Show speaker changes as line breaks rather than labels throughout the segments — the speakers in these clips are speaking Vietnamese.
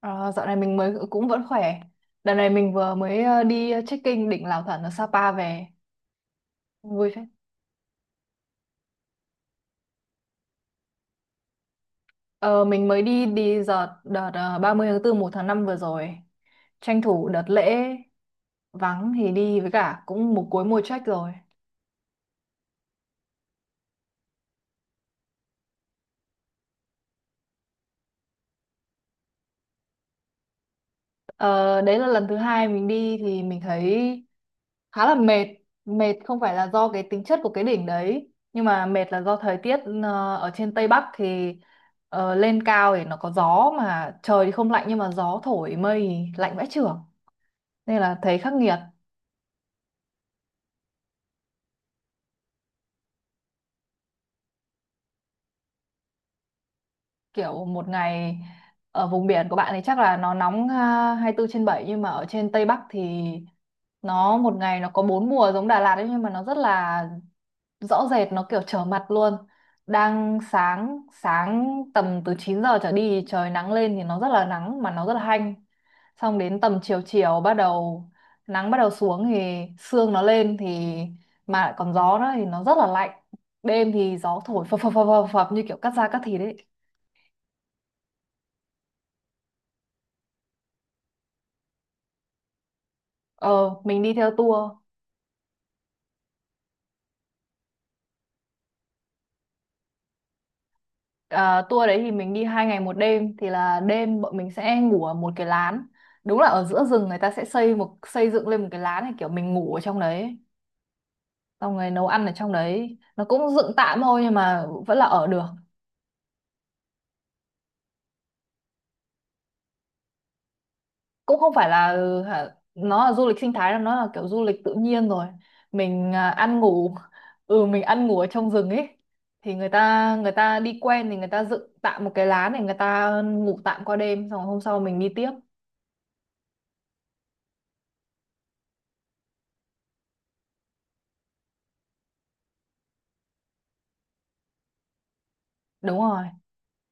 Ờ, Dạo này mình mới cũng vẫn khỏe. Đợt này mình vừa mới đi trekking đỉnh Lào Thẩn ở Sapa về. Vui phết. Ờ, mình mới đi đi đợt đợt 30 tháng 4 một tháng 5 vừa rồi. Tranh thủ đợt lễ vắng thì đi với cả cũng một cuối mùa trek rồi. Ờ, Đấy là lần thứ 2 mình đi thì mình thấy khá là mệt, mệt không phải là do cái tính chất của cái đỉnh đấy nhưng mà mệt là do thời tiết ở trên Tây Bắc thì lên cao thì nó có gió mà trời thì không lạnh nhưng mà gió thổi mây thì lạnh vãi chưởng nên là thấy khắc nghiệt. Kiểu một ngày ở vùng biển của bạn thì chắc là nó nóng, à, hai mươi 24 trên bảy, nhưng mà ở trên Tây Bắc thì nó một ngày nó có 4 mùa giống Đà Lạt ấy, nhưng mà nó rất là rõ rệt, nó kiểu trở mặt luôn. Đang sáng, sáng tầm từ 9 giờ trở đi trời nắng lên thì nó rất là nắng mà nó rất là hanh, xong đến tầm chiều, chiều bắt đầu nắng bắt đầu xuống thì sương nó lên, thì mà lại còn gió nữa thì nó rất là lạnh. Đêm thì gió thổi phập phập phập phập phập như kiểu cắt da cắt thịt đấy. Ờ mình đi theo tour. À, tour đấy thì mình đi 2 ngày 1 đêm thì là đêm bọn mình sẽ ngủ ở một cái lán, đúng là ở giữa rừng người ta sẽ xây dựng lên một cái lán này, kiểu mình ngủ ở trong đấy xong rồi nấu ăn ở trong đấy, nó cũng dựng tạm thôi nhưng mà vẫn là ở được. Cũng không phải là nó là du lịch sinh thái, là nó là kiểu du lịch tự nhiên rồi. Mình, ăn ngủ mình ăn ngủ ở trong rừng ấy. Thì người ta đi quen thì người ta dựng tạm một cái lán để người ta ngủ tạm qua đêm, xong rồi hôm sau mình đi tiếp. Đúng rồi.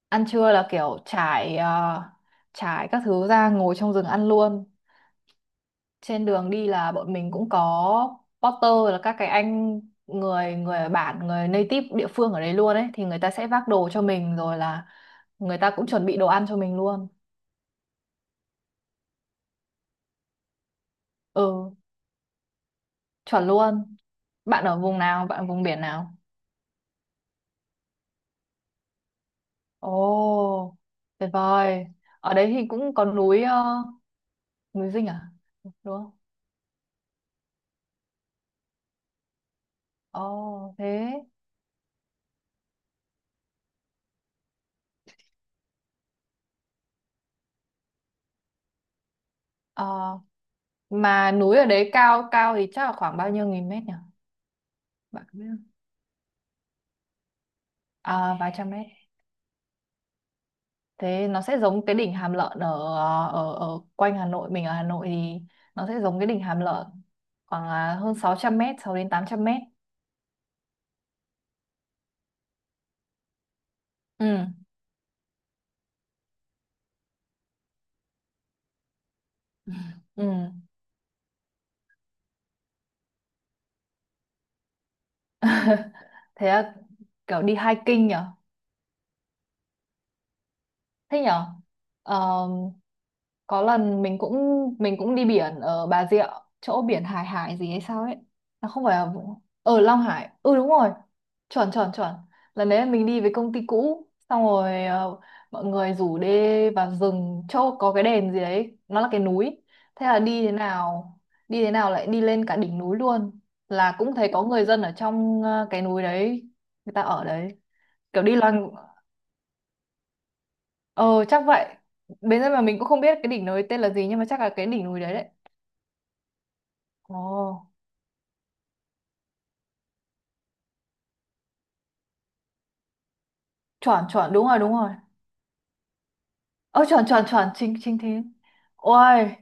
Ăn trưa là kiểu trải các thứ ra ngồi trong rừng ăn luôn. Trên đường đi là bọn mình cũng có porter, là các cái anh người người ở bản, người native địa phương ở đấy luôn ấy, thì người ta sẽ vác đồ cho mình rồi là người ta cũng chuẩn bị đồ ăn cho mình luôn. Ừ, chuẩn luôn. Bạn ở vùng nào, bạn ở vùng biển nào? Ồ, tuyệt vời. Ở đấy thì cũng có núi, núi Dinh à, đúng không? Ồ thế. Ờ, Mà núi ở đấy cao cao thì chắc là khoảng bao nhiêu nghìn mét nhỉ? Bạn có biết không? À, vài trăm mét. Thế nó sẽ giống cái đỉnh Hàm Lợn ở ở ở quanh Hà Nội, mình ở Hà Nội thì nó sẽ giống cái đỉnh Hàm Lợn, khoảng là hơn 600 mét, 600 đến 800 mét. Ừ. Ừ. Thế là kiểu đi hiking nhở? Thế nhở? Ờ, có lần mình cũng đi biển ở Bà Rịa, chỗ biển Hải Hải gì hay sao ấy. Nó không phải là ở Long Hải. Ừ, đúng rồi. Chuẩn chuẩn chuẩn. Lần đấy mình đi với công ty cũ xong rồi mọi người rủ đi vào rừng chỗ có cái đền gì đấy, nó là cái núi, thế là đi thế nào lại đi lên cả đỉnh núi luôn, là cũng thấy có người dân ở trong cái núi đấy, người ta ở đấy kiểu đi loanh, ờ chắc vậy. Bây giờ mà mình cũng không biết cái đỉnh núi tên là gì nhưng mà chắc là cái đỉnh núi đấy đấy. Ồ, chuẩn chuẩn, đúng rồi, đúng rồi. Ơ chuẩn chuẩn chuẩn, chính chính thế. Ôi,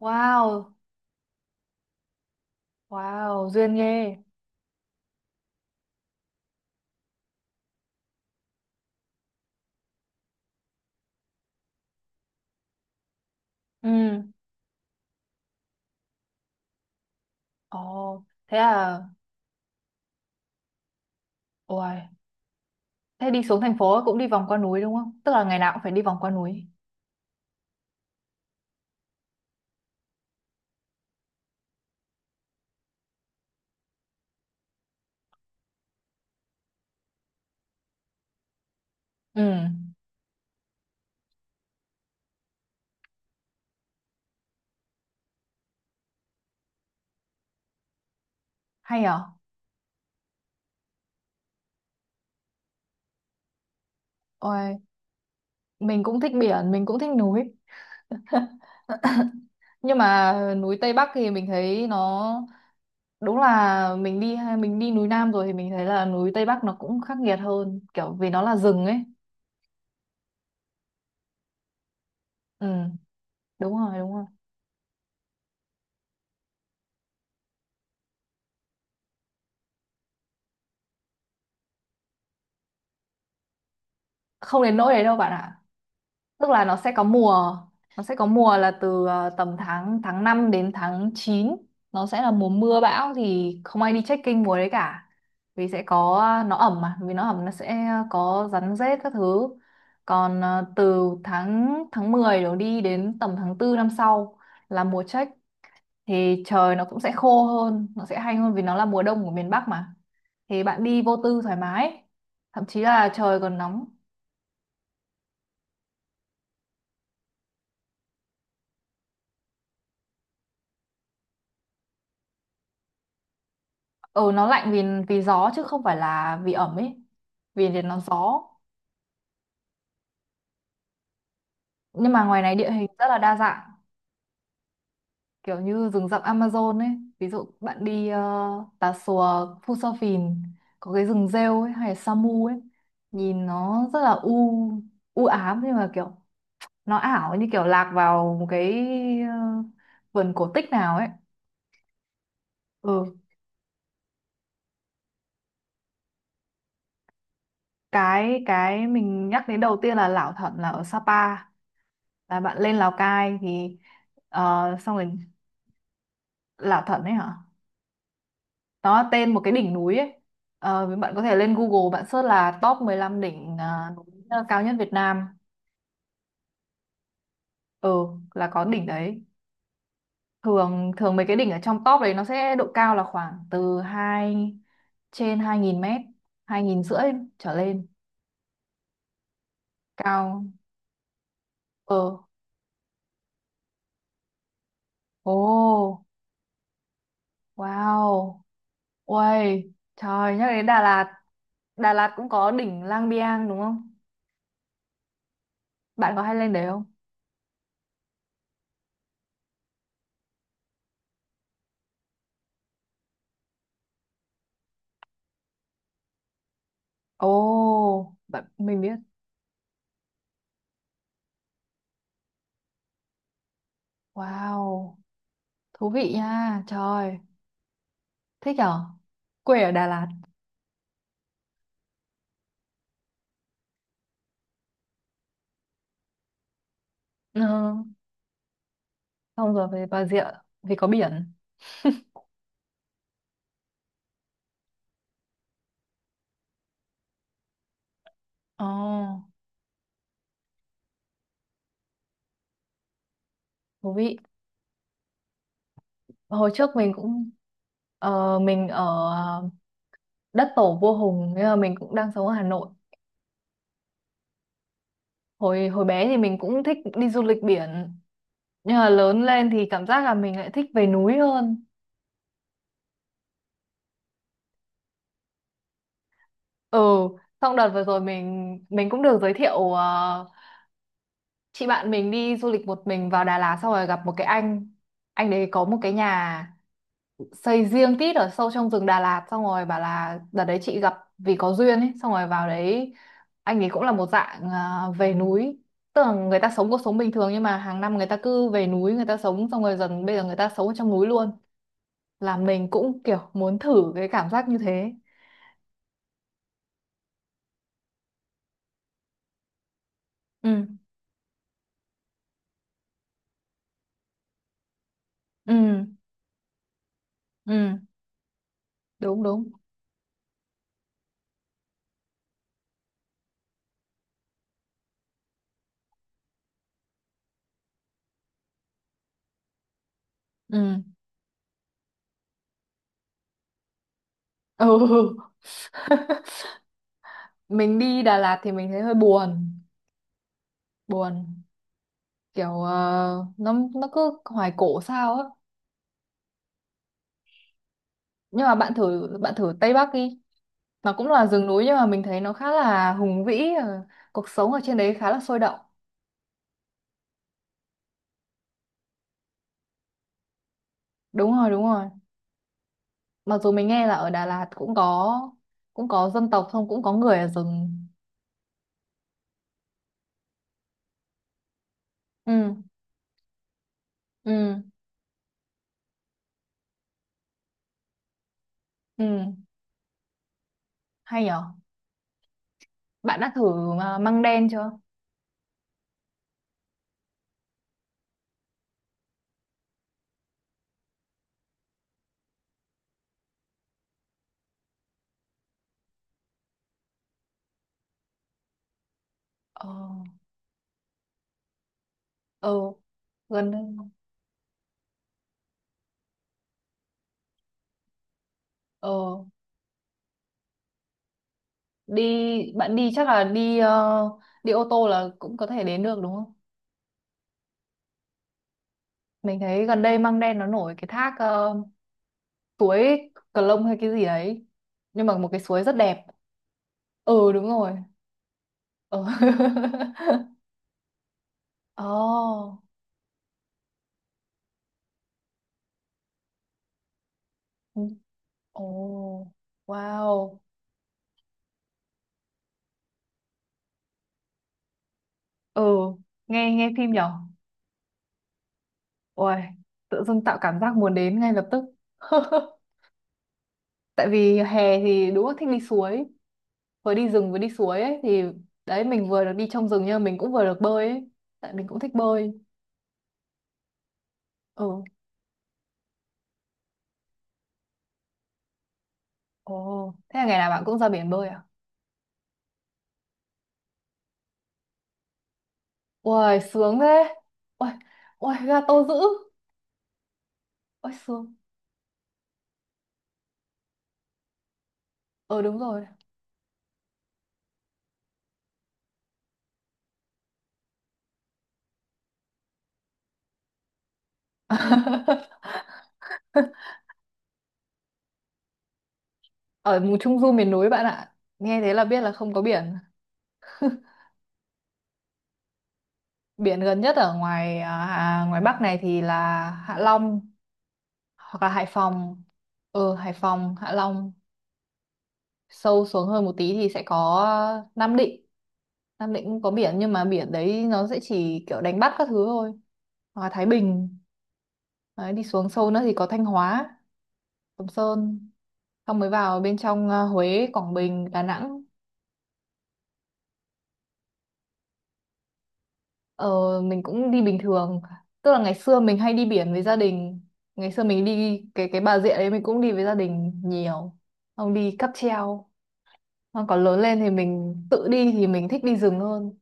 wow, wow, duyên ghê. Ừ. Ồ, thế là ôi, thế đi xuống thành phố cũng đi vòng qua núi đúng không? Tức là ngày nào cũng phải đi vòng qua núi. Ừ, hay à? Ôi, mình cũng thích biển, mình cũng thích núi. Nhưng mà núi Tây Bắc thì mình thấy nó đúng là mình đi núi Nam rồi thì mình thấy là núi Tây Bắc nó cũng khắc nghiệt hơn, kiểu vì nó là rừng ấy. Ừ, đúng rồi, đúng rồi. Không đến nỗi đấy đâu bạn ạ. Tức là nó sẽ có mùa là từ tầm tháng tháng 5 đến tháng chín, nó sẽ là mùa mưa bão thì không ai đi trekking mùa đấy cả. Vì sẽ có nó ẩm, mà vì nó ẩm nó sẽ có rắn rết các thứ. Còn từ tháng tháng 10 đổ đi đến tầm tháng tư năm sau là mùa trek, thì trời nó cũng sẽ khô hơn, nó sẽ hay hơn, vì nó là mùa đông của miền Bắc mà. Thì bạn đi vô tư thoải mái, thậm chí là trời còn nóng. Ừ, nó lạnh vì vì gió chứ không phải là vì ẩm ấy. Vì thì nó gió nhưng mà ngoài này địa hình rất là đa dạng, kiểu như rừng rậm Amazon ấy. Ví dụ bạn đi Tà Xùa, Phu Sa Phìn có cái rừng rêu ấy, hay là Sa Mu ấy, nhìn nó rất là u u ám, nhưng mà kiểu nó ảo như kiểu lạc vào một cái ờ, vườn cổ tích nào ấy. Ừ. Cái mình nhắc đến đầu tiên là Lảo Thẩn, là ở Sapa, là bạn lên Lào Cai thì xong rồi Lạ Thần ấy hả? Nó là tên một cái đỉnh núi ấy. Với bạn có thể lên Google bạn search là top 15 đỉnh, à, núi, à, cao nhất Việt Nam. Ừ, là có đỉnh đấy. Thường thường mấy cái đỉnh ở trong top đấy nó sẽ độ cao là khoảng từ trên 2.000 mét, 2.500 trở lên. Cao. Ờ, ồ, wow. Uầy, trời, nhắc đến Đà Lạt. Đà Lạt cũng có đỉnh Lang Biang đúng không? Bạn có hay lên đấy không? Ồ, bạn mình biết. Wow. Thú vị nha trời. Thích nhở, quê ở Đà Lạt. Ừ. Xong rồi về Bà Rịa, vì có biển. Ồ, thú vị. Hồi trước mình cũng mình ở ờ, đất tổ Vua Hùng, nhưng mà mình cũng đang sống ở Hà Nội. Hồi hồi bé thì mình cũng thích đi du lịch biển, nhưng mà lớn lên thì cảm giác là mình lại thích về núi hơn. Ừ. Xong đợt vừa rồi mình cũng được giới thiệu, chị bạn mình đi du lịch một mình vào Đà Lạt xong rồi gặp một cái anh đấy có một cái nhà xây riêng tít ở sâu trong rừng Đà Lạt, xong rồi bảo là đợt đấy chị gặp vì có duyên ấy, xong rồi vào đấy anh ấy cũng là một dạng về núi, tức là người ta sống cuộc sống bình thường nhưng mà hàng năm người ta cứ về núi người ta sống, xong rồi dần bây giờ người ta sống ở trong núi luôn. Là mình cũng kiểu muốn thử cái cảm giác như thế. Ừ, ừ, ừ, đúng đúng, ừ, ừ. Mình đi Đà Lạt thì mình thấy hơi buồn. Buồn kiểu nó cứ hoài cổ sao á. Nhưng mà bạn thử Tây Bắc đi. Nó cũng là rừng núi nhưng mà mình thấy nó khá là hùng vĩ, cuộc sống ở trên đấy khá là sôi động. Đúng rồi, đúng rồi. Mặc dù mình nghe là ở Đà Lạt cũng có, cũng có dân tộc, không cũng có người ở rừng. Ừ, ừ, ừ, hay nhở. Bạn đã thử mà măng đen chưa? Ờ, ờ, gần đây. Ờ, đi, bạn đi chắc là đi ô tô là cũng có thể đến được đúng không? Mình thấy gần đây măng đen nó nổi cái thác, suối Cờ Lông hay cái gì ấy, nhưng mà một cái suối rất đẹp. Ừ, đúng rồi. Ừ. Oh. Oh, wow. Ừ, nghe nghe phim nhở. Ôi, tự dưng tạo cảm giác muốn đến ngay lập tức. Tại vì hè thì đúng là thích đi suối, vừa đi rừng vừa đi suối ấy thì đấy mình vừa được đi trong rừng nhưng mà mình cũng vừa được bơi ấy, tại mình cũng thích bơi. Ừ. Ồ, thế là ngày nào bạn cũng ra biển bơi à? Uầy, sướng thế. Uầy, uầy, ga tô dữ. Ôi xương. Ờ, đúng rồi. Ở vùng Trung Du miền núi bạn ạ. Nghe thế là biết là không có biển. Biển gần nhất ở ngoài à, à, ngoài Bắc này thì là Hạ Long hoặc là Hải Phòng. Ờ, Hải Phòng, Hạ Long, sâu xuống hơn một tí thì sẽ có Nam Định. Nam Định cũng có biển nhưng mà biển đấy nó sẽ chỉ kiểu đánh bắt các thứ thôi. Hoặc là Thái Bình. Đấy, đi xuống sâu nữa thì có Thanh Hóa, Sầm Sơn. Xong mới vào bên trong, à, Huế, Quảng Bình, Đà Nẵng. Ờ, mình cũng đi bình thường, tức là ngày xưa mình hay đi biển với gia đình, ngày xưa mình đi cái Bà Rịa đấy mình cũng đi với gia đình nhiều, không đi cáp treo. Xong còn lớn lên thì mình tự đi thì mình thích đi rừng hơn.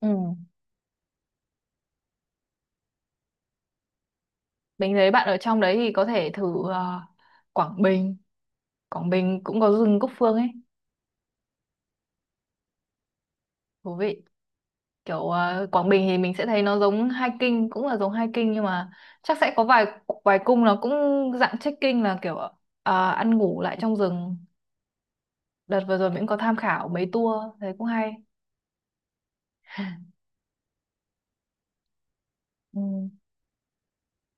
Ừ. Mình thấy bạn ở trong đấy thì có thể thử Quảng Bình. Quảng Bình cũng có rừng Cúc Phương ấy, thú vị, kiểu Quảng Bình thì mình sẽ thấy nó giống hiking cũng là giống hiking, nhưng mà chắc sẽ có vài vài cung nó cũng dạng trekking, là kiểu ăn ngủ lại trong rừng. Đợt vừa rồi mình cũng có tham khảo mấy tour, thấy cũng hay. Ừ.